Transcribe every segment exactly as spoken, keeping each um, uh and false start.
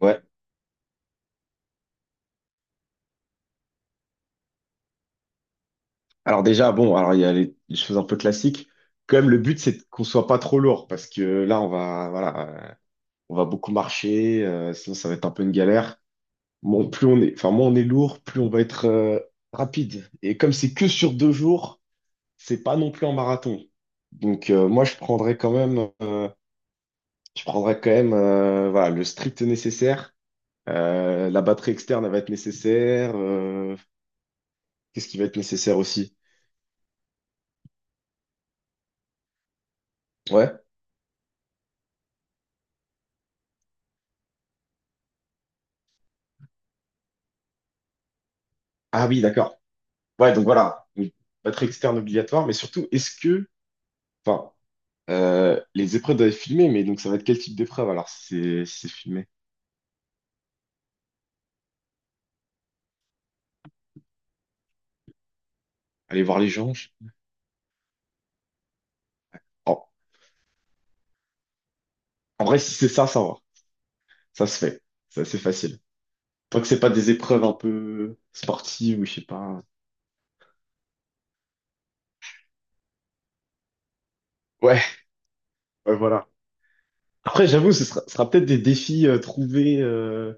Ouais. Alors déjà, bon, alors il y a les, les choses un peu classiques. Quand même, le but, c'est qu'on soit pas trop lourd parce que là, on va, voilà, euh, on va beaucoup marcher, euh, sinon ça va être un peu une galère. Bon, plus on est, enfin, moins on est lourd, plus on va être euh, rapide. Et comme c'est que sur deux jours, c'est pas non plus un marathon. Donc euh, moi, je prendrais quand même, euh, je prendrais quand même, euh, voilà, le strict nécessaire. Euh, la batterie externe, elle va être nécessaire. Euh, qu'est-ce qui va être nécessaire aussi? Ouais. Ah oui, d'accord. Ouais, donc voilà, donc, batterie externe obligatoire, mais surtout, est-ce que, enfin, euh, les épreuves doivent être filmées, mais donc ça va être quel type d'épreuve alors si c'est si c'est filmé? Aller voir les gens? je- Oh, en vrai, si c'est ça, ça va, ça se fait, c'est assez facile. Tant que c'est pas des épreuves un peu sportives ou je sais pas. Ouais, ouais, voilà. Après, j'avoue, ce sera, ce sera peut-être des défis euh, trouver, euh,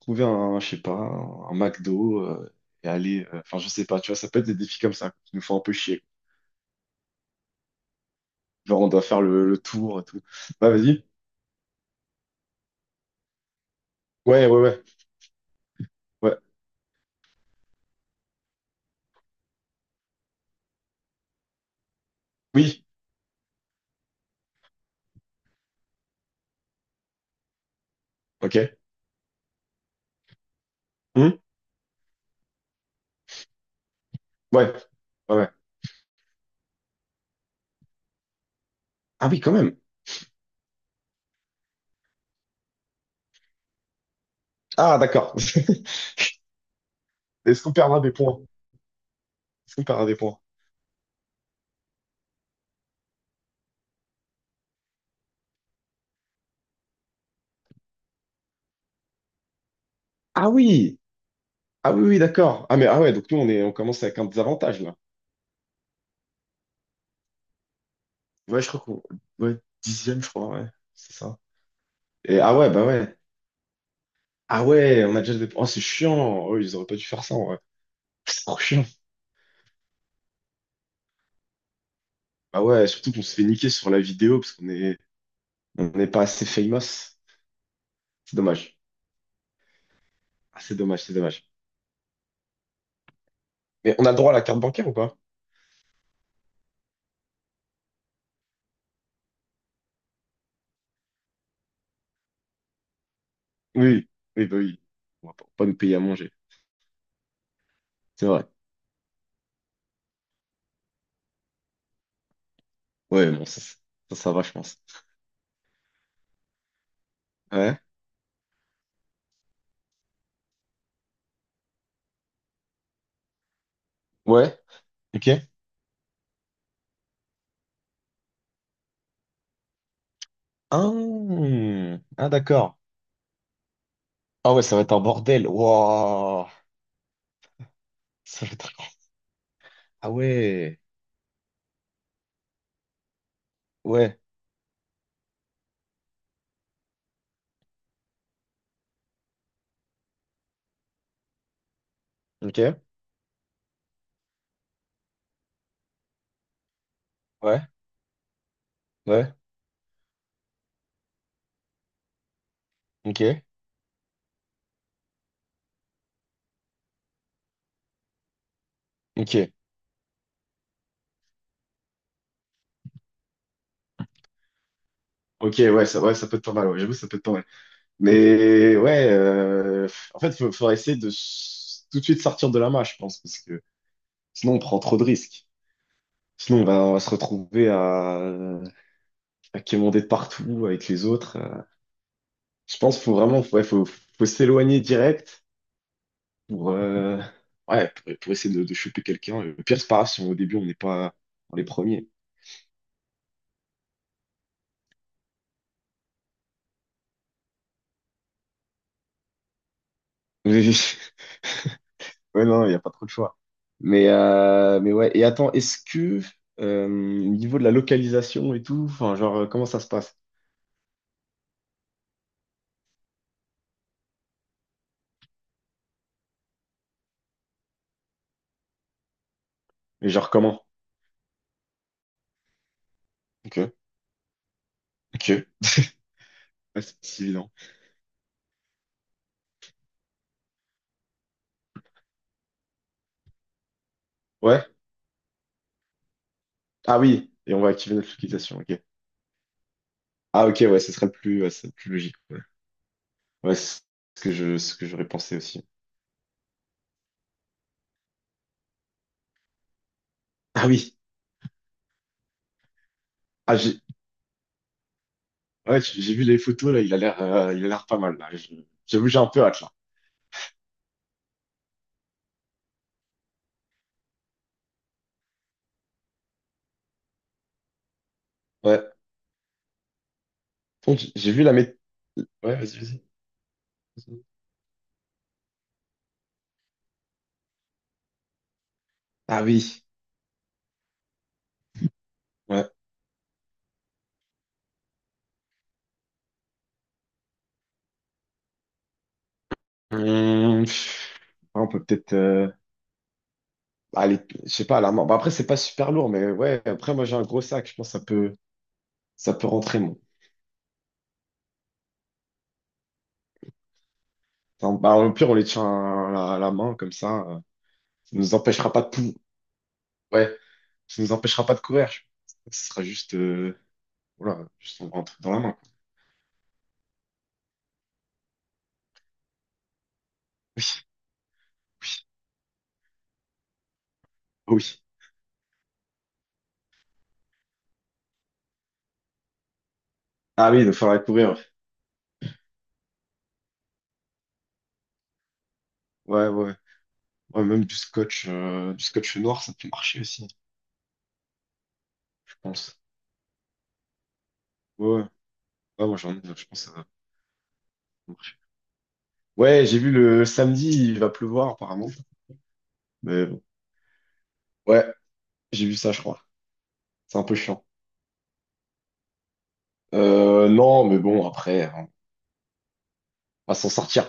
trouver un, je sais pas, un, un McDo euh, et aller, euh, enfin, je sais pas, tu vois, ça peut être des défis comme ça qui nous font un peu chier. Genre, on doit faire le, le tour et tout. Bah, vas-y. Ouais, ouais, ouais, ouais. Oui, ok. Hmm, ouais, ouais, ouais. Ah oui, quand même. Ah, d'accord. Est-ce qu'on perdra des points? Est-ce qu'on perdra des points? Ah oui! Ah oui, oui, d'accord. Ah mais ah ouais, donc nous on est on commence avec un désavantage là. Ouais, je crois qu'on. Ouais, dixième, je crois, ouais. C'est ça. Et ah ouais, bah ouais. Ah ouais, on a déjà des points. Oh, c'est chiant. Oh, ils auraient pas dû faire ça, ouais. C'est trop chiant. Ah ouais, surtout qu'on se fait niquer sur la vidéo parce qu'on est on n'est pas assez famous. C'est dommage. Ah, c'est dommage, c'est dommage. Mais on a le droit à la carte bancaire ou pas? Oui, oui, bah oui. On va pas pas nous payer à manger. C'est vrai. Ouais, bon, ça, ça, ça va, je pense. Ouais. Ouais. Ok. Ah, ah d'accord. Ah ouais, ça va être un bordel. Waouh. Ça va être... Ah ouais. Ouais. Ok. Ouais. Ouais. Ok. Ok. Ok, ouais, ça, ouais, ça peut être pas mal. Ouais, j'avoue, ça peut être pas mal. Mais ouais, euh, en fait, il faudra essayer de s- tout de suite sortir de la main, je pense, parce que sinon, on prend trop de risques. Sinon, on va, on va se retrouver à qui est monté de partout avec les autres. euh. Je pense qu'il faut vraiment ouais, faut, faut s'éloigner direct pour, euh, ouais, pour, pour essayer de, de choper quelqu'un. Le pire, c'est pas grave si au début on n'est pas dans les premiers. Oui, ouais, non, il n'y a pas trop de choix. Mais, euh, mais ouais, et attends, est-ce que euh, au niveau de la localisation et tout, enfin, genre, euh, comment ça se passe? Mais genre, comment? Ok, ok, ouais, c'est pas si évident. Ouais, ah oui, et on va activer notre localisation, ok. Ah ok, ouais, ce serait le plus, ouais, ce serait le plus logique. Ouais, ouais, c'est ce que je, ce que j'aurais pensé aussi. Ah oui, ah, j'ai ouais, j'ai j'ai vu les photos là, il a l'air euh, il a l'air pas mal là. Je- J'avoue, j'ai un peu hâte là. Ouais. Donc, j'ai j'ai vu la méthode. Ouais, vas-y, vas-y, vas-y. Ah oui, ouais. Hum, pff, on peut peut-être euh, aller, je sais pas, à la main. Bah, après, c'est pas super lourd, mais ouais, après, moi, j'ai un gros sac, je pense que ça peut, ça peut rentrer, mon. Enfin, bah, au pire, on les tient à la, à la main, comme ça, euh, ça nous empêchera pas de pou- ouais, ça nous empêchera pas de courir. Je pense. Ce sera juste, euh, voilà, juste on rentre dans la main, quoi. Oui, oui, ah oui, il nous faudra courir. Ouais, ouais. Ouais, même du scotch, euh, du scotch noir, ça peut marcher aussi, je pense. Ouais, ouais. Ouais, moi, j'en ai, je pense que ça va marcher. Ouais, j'ai vu le samedi, il va pleuvoir, apparemment. Mais bon. Ouais, j'ai vu ça, je crois. C'est un peu chiant. Euh, non, mais bon, après, on va s'en sortir.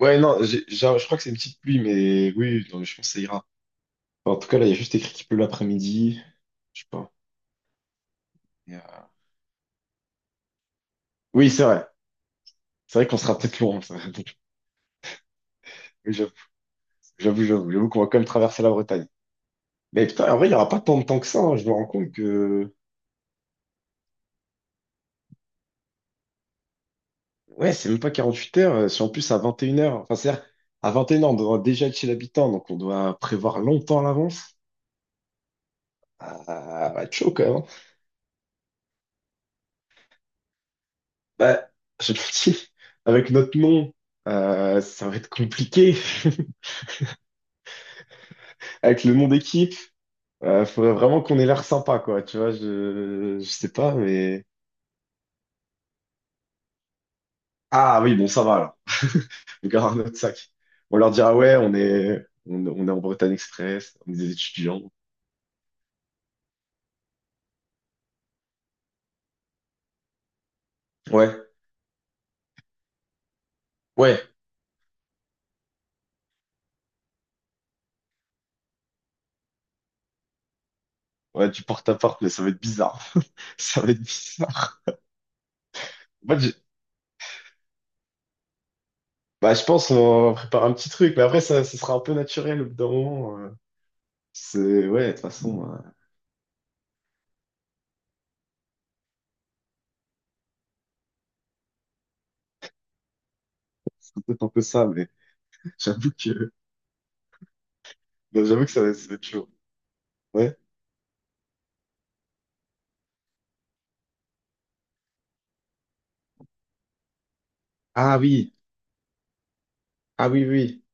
Ouais, non, j'ai, j'ai- je crois que c'est une petite pluie, mais oui, non, mais je pense que ça ira. Enfin, en tout cas, là, il y a juste écrit qu'il pleut l'après-midi. Je sais pas. Et, euh, oui, c'est vrai. C'est vrai qu'on sera peut-être loin. Ça. Oui, J'avoue, j'avoue, j'avoue j'avoue qu'on va quand même traverser la Bretagne. Mais putain, en vrai, il n'y aura pas tant de temps que ça, hein. Je me rends compte que. Ouais, c'est même pas quarante-huit heures. euh, Si en plus à vingt et une heures. Enfin, c'est-à-dire, à vingt et une heures, on doit déjà être chez l'habitant, donc on doit prévoir longtemps à l'avance. Ah, bah, chaud quand même, hein. Bah, je te le dis, avec notre nom, euh, ça va être compliqué. Avec le nom d'équipe, euh, faudrait vraiment qu'on ait l'air sympa, quoi. Tu vois, je... je sais pas, mais. Ah oui, bon, ça va, là. On gardera notre sac. On leur dira, ouais, on est, on, on est en Bretagne Express, on est des étudiants. Ouais. Ouais, ouais, du porte-à-porte, mais ça va être bizarre. Ça va être bizarre. En fait, j'ai- bah, je pense qu'on va préparer un petit truc, mais après, ça, ça sera un peu naturel au bout d'un moment. euh. C'est, ouais, de toute façon, euh, c'est peut-être un peu ça, mais j'avoue que, non, j'avoue que ça va, ça va être chaud. Ouais. Ah oui, ah oui, oui.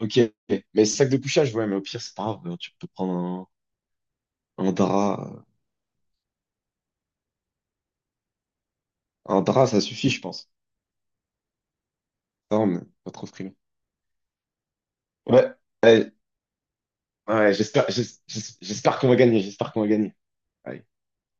Ok. Mais sac de couchage, ouais, mais au pire, c'est pas grave. Tu peux prendre un, un drap. Un drap, ça suffit, je pense. Non, mais pas trop frileux. Ouais, ouais, ouais, j'espère, j'es- j'es- j'espère qu'on va gagner, j'espère qu'on va gagner. Allez.